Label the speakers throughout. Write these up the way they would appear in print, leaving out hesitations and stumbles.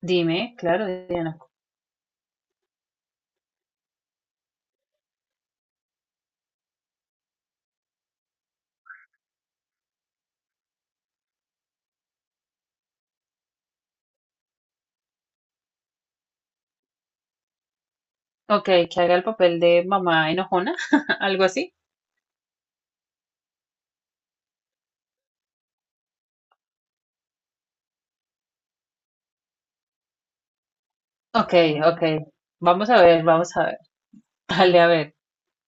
Speaker 1: Dime, claro, Diana. Ok, que haga el papel de mamá enojona, algo así. Ok, ok. Vamos a ver, vamos a ver. Dale, a ver,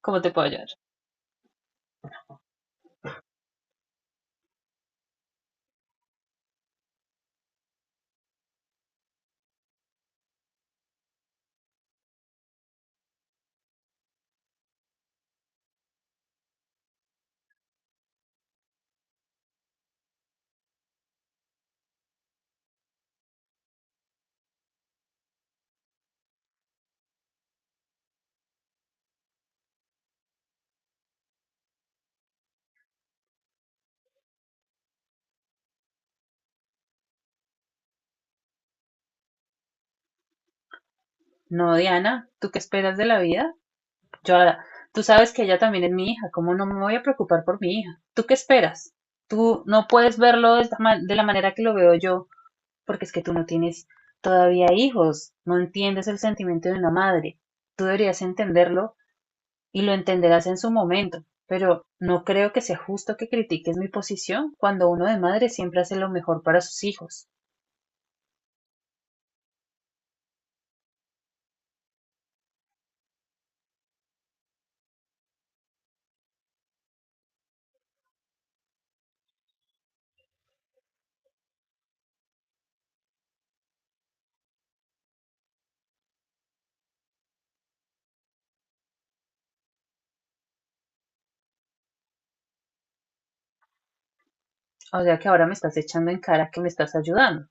Speaker 1: ¿cómo te puedo ayudar? No, Diana, ¿tú qué esperas de la vida? Yo, tú sabes que ella también es mi hija, ¿cómo no me voy a preocupar por mi hija? ¿Tú qué esperas? Tú no puedes verlo de de la manera que lo veo yo, porque es que tú no tienes todavía hijos, no entiendes el sentimiento de una madre. Tú deberías entenderlo y lo entenderás en su momento, pero no creo que sea justo que critiques mi posición cuando uno de madre siempre hace lo mejor para sus hijos. O sea que ahora me estás echando en cara que me estás ayudando.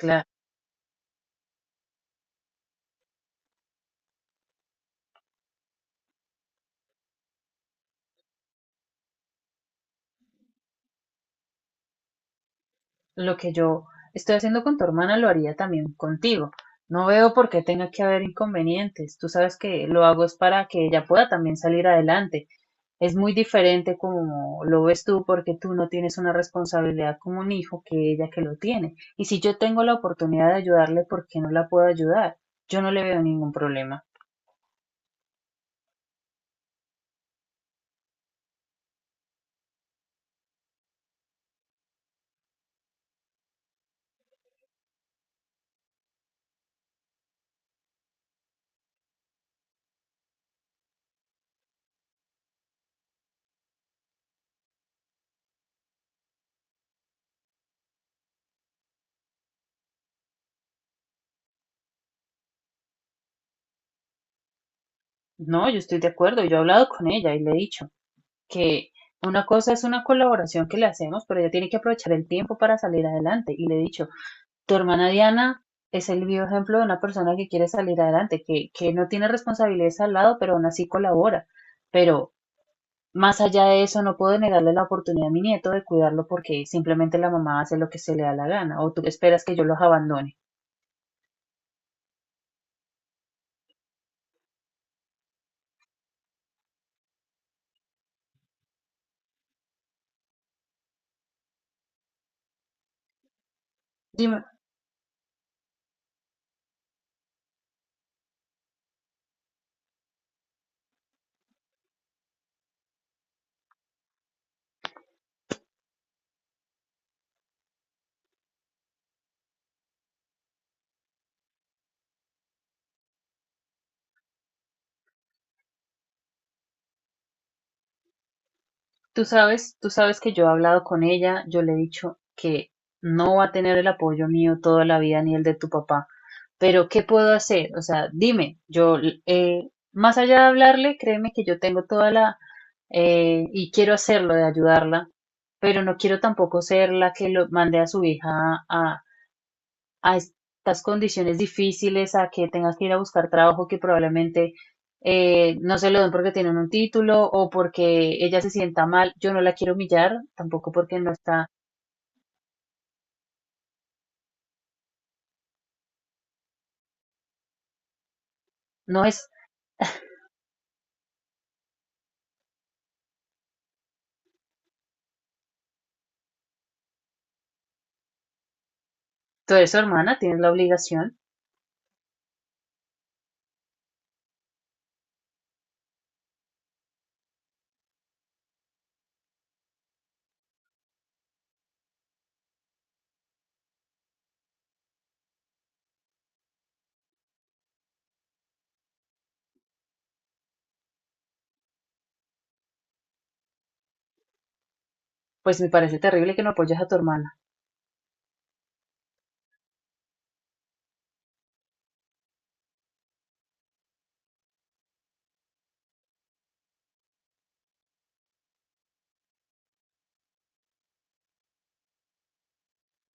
Speaker 1: Claro, lo que yo estoy haciendo con tu hermana lo haría también contigo. No veo por qué tenga que haber inconvenientes. Tú sabes que lo hago es para que ella pueda también salir adelante. Es muy diferente como lo ves tú porque tú no tienes una responsabilidad como un hijo que ella que lo tiene. Y si yo tengo la oportunidad de ayudarle, ¿por qué no la puedo ayudar? Yo no le veo ningún problema. No, yo estoy de acuerdo. Yo he hablado con ella y le he dicho que una cosa es una colaboración que le hacemos, pero ella tiene que aprovechar el tiempo para salir adelante. Y le he dicho, tu hermana Diana es el vivo ejemplo de una persona que quiere salir adelante, que no tiene responsabilidades al lado, pero aún así colabora. Pero más allá de eso, no puedo negarle la oportunidad a mi nieto de cuidarlo porque simplemente la mamá hace lo que se le da la gana o tú esperas que yo los abandone. Dime, tú sabes que yo he hablado con ella, yo le he dicho que no va a tener el apoyo mío toda la vida ni el de tu papá, pero ¿qué puedo hacer? O sea, dime, yo, más allá de hablarle, créeme que yo tengo toda la, y quiero hacerlo de ayudarla, pero no quiero tampoco ser la que lo mande a su hija a, a estas condiciones difíciles, a que tengas que ir a buscar trabajo que probablemente no se lo den porque tienen un título o porque ella se sienta mal. Yo no la quiero humillar, tampoco porque no está, no es, tú eres su hermana, tienes la obligación. Pues me parece terrible que no apoyes a tu hermana.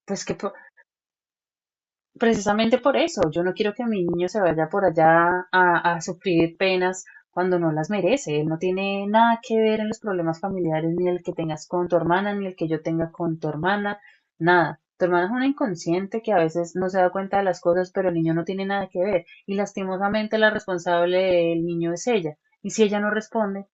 Speaker 1: Pues que, po- precisamente por eso, yo no quiero que mi niño se vaya por allá a sufrir penas cuando no las merece. Él no tiene nada que ver en los problemas familiares, ni el que tengas con tu hermana, ni el que yo tenga con tu hermana, nada. Tu hermana es una inconsciente que a veces no se da cuenta de las cosas, pero el niño no tiene nada que ver. Y lastimosamente la responsable del niño es ella. Y si ella no responde,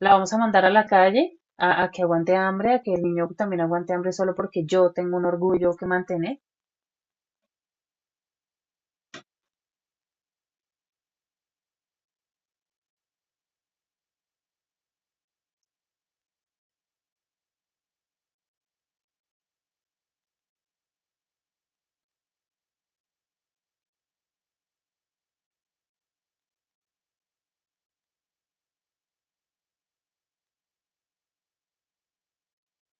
Speaker 1: la vamos a mandar a la calle a que aguante hambre, a que el niño también aguante hambre solo porque yo tengo un orgullo que mantener.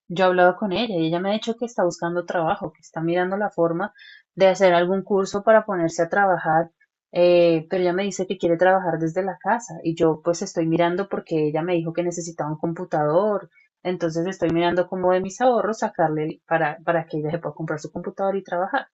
Speaker 1: Yo he hablado con ella y ella me ha dicho que está buscando trabajo, que está mirando la forma de hacer algún curso para ponerse a trabajar, pero ella me dice que quiere trabajar desde la casa y yo pues estoy mirando porque ella me dijo que necesitaba un computador, entonces estoy mirando cómo de mis ahorros sacarle para que ella se pueda comprar su computador y trabajar.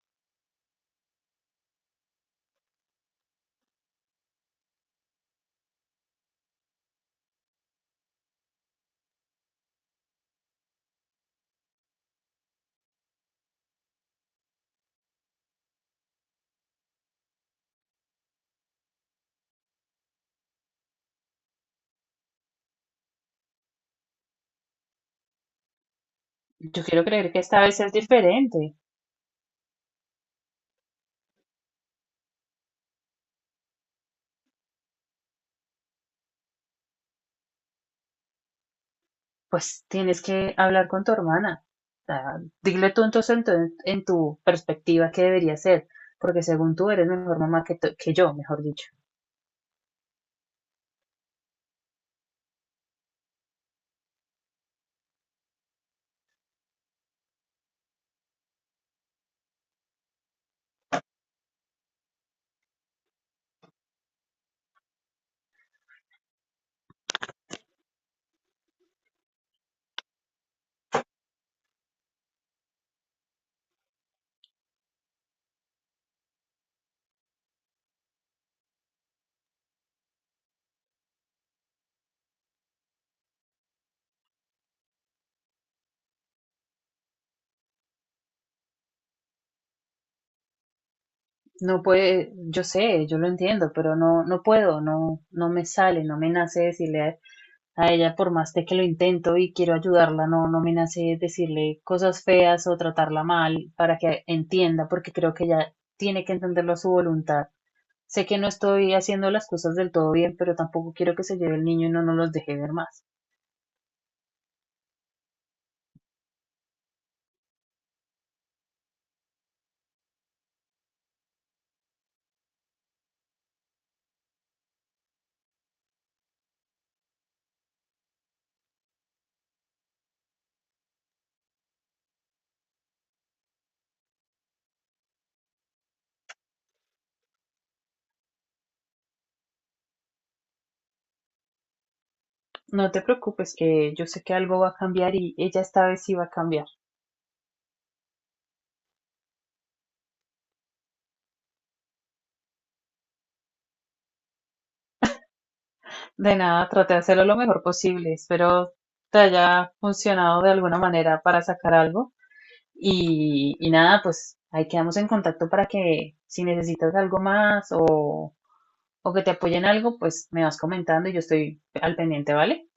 Speaker 1: Yo quiero creer que esta vez es diferente. Pues tienes que hablar con tu hermana. O sea, dile tú entonces en tu perspectiva qué debería ser, porque según tú eres mejor mamá que, que yo, mejor dicho. No puede, yo sé, yo lo entiendo, pero no, no puedo, no, no me sale, no me nace decirle a ella, por más de que lo intento y quiero ayudarla, no, no me nace decirle cosas feas o tratarla mal para que entienda, porque creo que ella tiene que entenderlo a su voluntad. Sé que no estoy haciendo las cosas del todo bien, pero tampoco quiero que se lleve el niño y no nos los deje ver más. No te preocupes, que yo sé que algo va a cambiar y ella esta vez sí va a cambiar. De nada, traté de hacerlo lo mejor posible. Espero te haya funcionado de alguna manera para sacar algo. Y nada, pues ahí quedamos en contacto para que si necesitas algo más o que te apoyen algo, pues me vas comentando y yo estoy al pendiente, ¿vale?